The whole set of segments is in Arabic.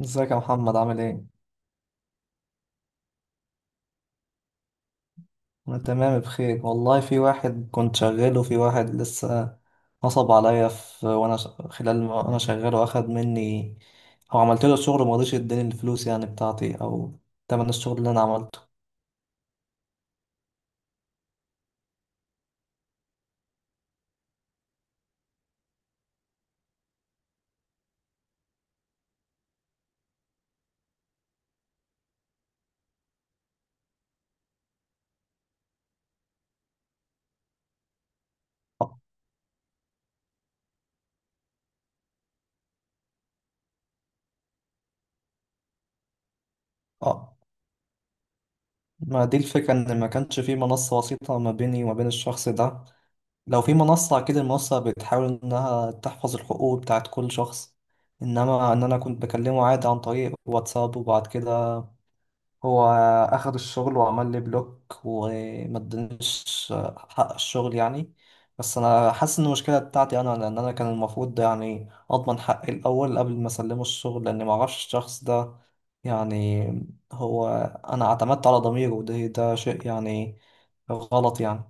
ازيك يا محمد عامل ايه؟ انا تمام بخير والله. في واحد كنت شغال وفي واحد لسه نصب عليا. خلال ما انا شغال واخد مني او عملت له الشغل ومرضيش يديني الفلوس يعني بتاعتي او تمن الشغل اللي انا عملته. اه اه. ما دي الفكرة ان ما كانش في منصة وسيطة ما بيني وما بين الشخص ده. لو في منصة اكيد المنصة بتحاول انها تحفظ الحقوق بتاعت كل شخص، انما ان انا كنت بكلمه عادي عن طريق واتساب، وبعد كده هو أخد الشغل وعمل لي بلوك وما ادانيش حق الشغل يعني. بس أنا حاسس إن المشكلة بتاعتي أنا، لأن أنا كان المفروض ده يعني أضمن حقي الأول قبل ما أسلمه الشغل، لأني معرفش الشخص ده يعني. هو أنا اعتمدت على ضميري، وده ده شيء يعني غلط يعني.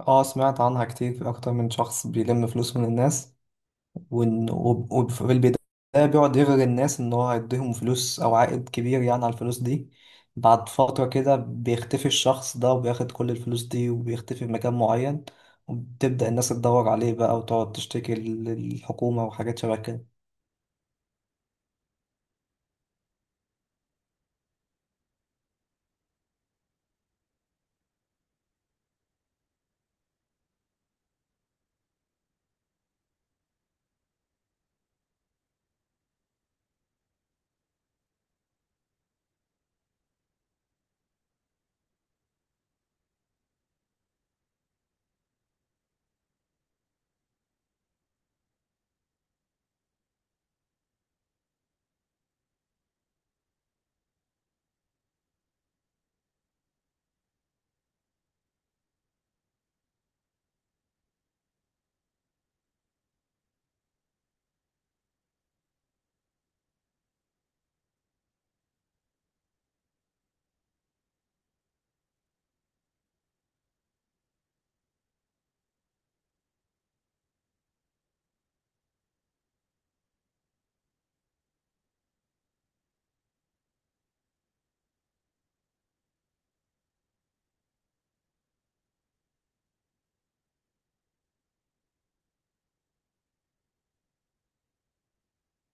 اه، سمعت عنها كتير. أكتر من شخص بيلم فلوس من الناس، وفي البداية بيقعد يغري الناس إن هو هيديهم فلوس أو عائد كبير يعني على الفلوس دي. بعد فترة كده بيختفي الشخص ده وبياخد كل الفلوس دي وبيختفي في مكان معين، وبتبدأ الناس تدور عليه بقى وتقعد تشتكي للحكومة وحاجات شبه كده.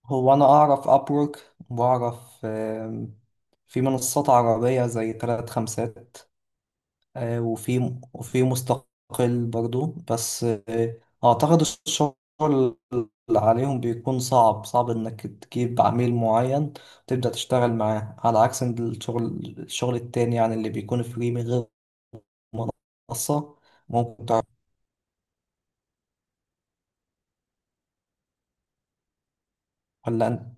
هو أنا أعرف أبورك وأعرف في منصات عربية زي تلات خمسات. وفي مستقل برضو، بس أعتقد الشغل اللي عليهم بيكون صعب إنك تجيب عميل معين وتبدأ تشتغل معاه، على عكس إن الشغل التاني يعني اللي بيكون فري من غير منصة ممكن تعرف. ولا أنت؟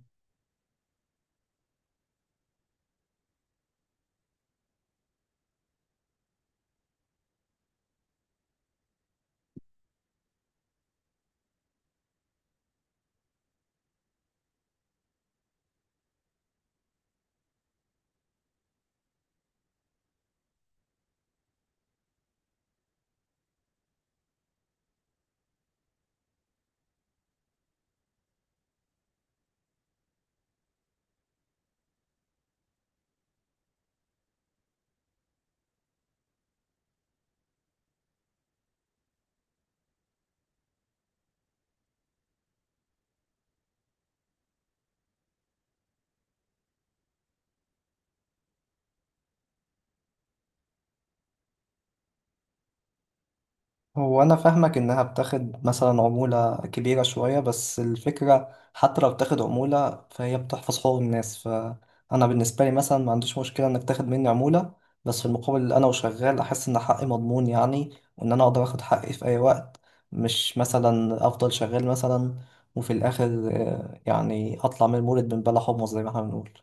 هو أنا فاهمك إنها بتاخد مثلا عمولة كبيرة شوية، بس الفكرة حتى لو بتاخد عمولة فهي بتحفظ حقوق الناس. فأنا بالنسبة لي مثلا ما عنديش مشكلة إنك تاخد مني عمولة، بس في المقابل أنا وشغال أحس إن حقي مضمون يعني، وإن أنا أقدر آخد حقي في أي وقت، مش مثلا أفضل شغال مثلا وفي الآخر يعني أطلع من المولد من بلا حمص زي ما إحنا بنقول.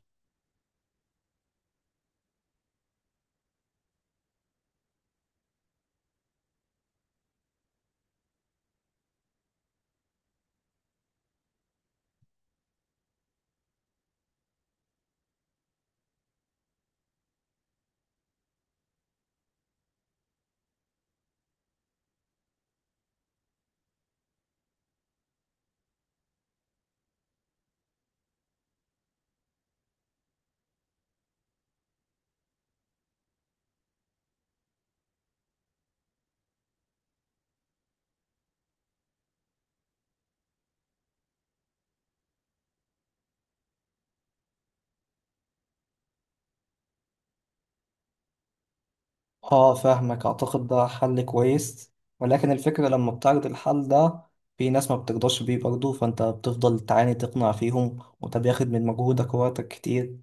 اه فاهمك، اعتقد ده حل كويس، ولكن الفكرة لما بتعرض الحل ده في ناس ما بترضاش بيه برضه، فانت بتفضل تعاني تقنع فيهم وده بياخد من مجهودك ووقتك كتير.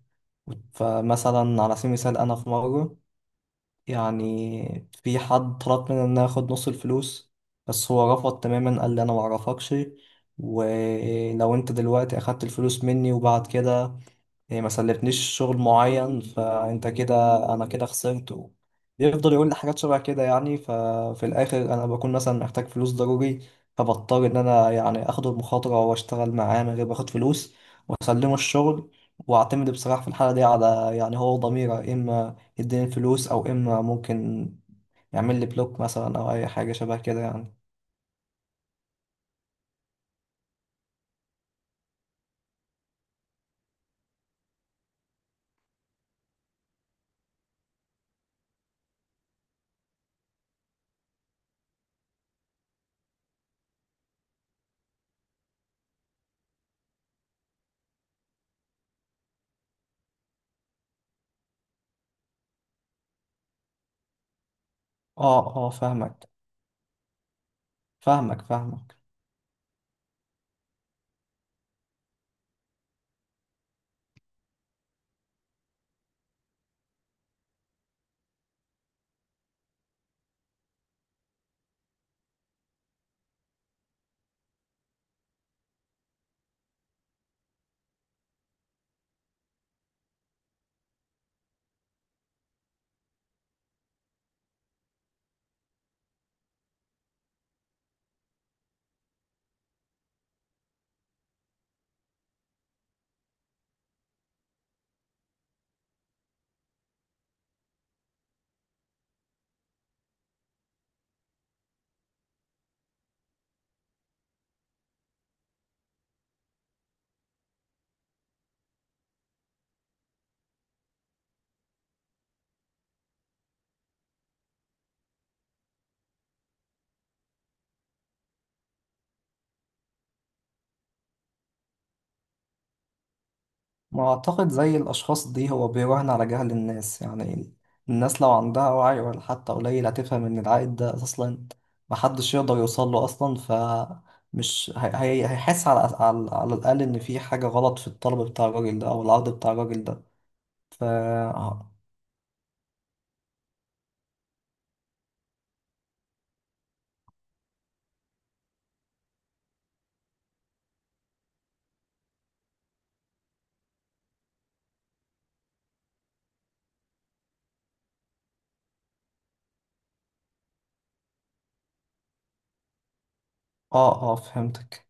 فمثلا على سبيل المثال انا في مرة يعني في حد طلب مني ان أنا اخد نص الفلوس، بس هو رفض تماما. قال لي انا معرفكش، ولو انت دلوقتي اخدت الفلوس مني وبعد كده هي ما سلفتنيش شغل معين فانت كده، انا كده خسرت بيفضل يقول لي حاجات شبه كده يعني. ففي الاخر انا بكون مثلا محتاج فلوس ضروري، فبضطر ان انا يعني اخد المخاطره واشتغل معاه من غير ما اخد فلوس واسلمه الشغل، واعتمد بصراحه في الحاله دي على يعني هو ضميره. اما يديني الفلوس او اما ممكن يعمل لي بلوك مثلا او اي حاجه شبه كده يعني. اه اه فاهمك. فاهمك. ما أعتقد زي الأشخاص دي هو بيراهن على جهل الناس يعني. الناس لو عندها وعي ولا حتى قليل هتفهم إن العائد ده أصلا محدش يقدر يوصل له أصلا، هيحس على الأقل إن في حاجة غلط في الطلب بتاع الراجل ده أو العرض بتاع الراجل ده. ف آه آه آه، فهمتك.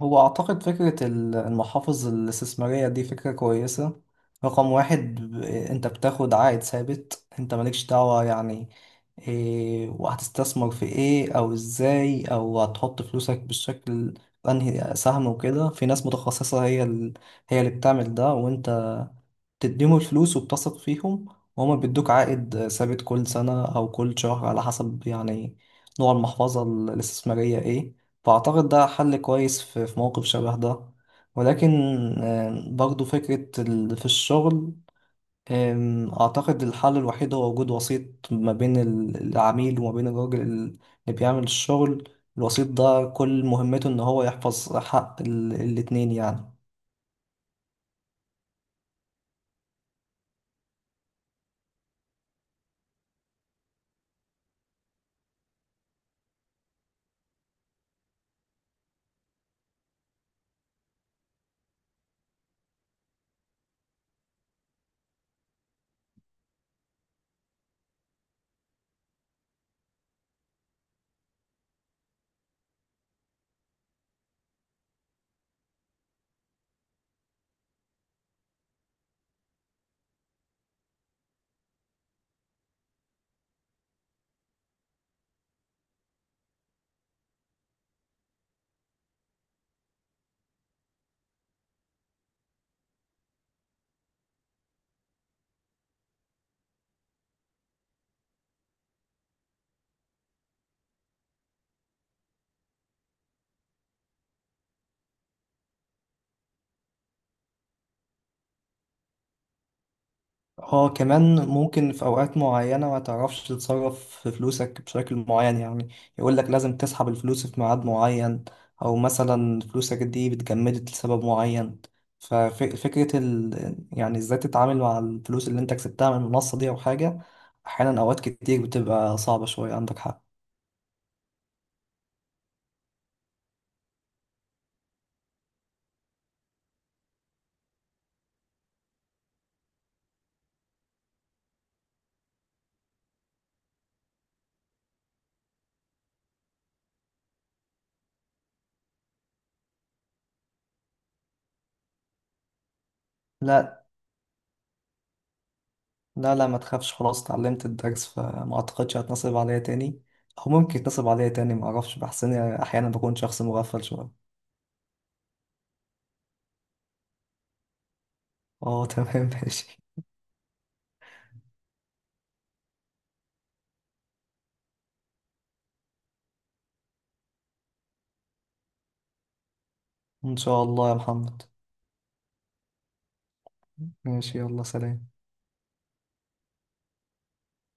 هو أعتقد فكرة المحافظ الاستثمارية دي فكرة كويسة. رقم واحد، أنت بتاخد عائد ثابت، أنت مالكش دعوة يعني إيه وهتستثمر في إيه أو إزاي أو هتحط فلوسك بالشكل أنهي سهم وكده. في ناس متخصصة هي اللي بتعمل ده، وأنت تديهم الفلوس وبتثق فيهم، وهما بيدوك عائد ثابت كل سنة أو كل شهر على حسب يعني نوع المحفظة الاستثمارية إيه. فأعتقد ده حل كويس في في موقف شبه ده. ولكن برضو فكرة في الشغل، أعتقد الحل الوحيد هو وجود وسيط ما بين العميل وما بين الراجل اللي بيعمل الشغل. الوسيط ده كل مهمته إن هو يحفظ حق الاتنين يعني. اه، كمان ممكن في اوقات معينة ما تعرفش تتصرف في فلوسك بشكل معين يعني. يقولك لازم تسحب الفلوس في ميعاد معين، او مثلا فلوسك دي بتجمدت لسبب معين. ففكرة يعني ازاي تتعامل مع الفلوس اللي انت كسبتها من المنصة دي او حاجة، احيانا اوقات كتير بتبقى صعبة شوية. عندك حق. لا. لا، ما تخافش، خلاص اتعلمت الدرس، فما اعتقدش هتنصب عليا تاني. او ممكن يتنصب عليا تاني ما اعرفش، بحس اني احيانا بكون شخص مغفل شوية. اه تمام ماشي. إن شاء الله يا محمد. ماشي، يلا سلام.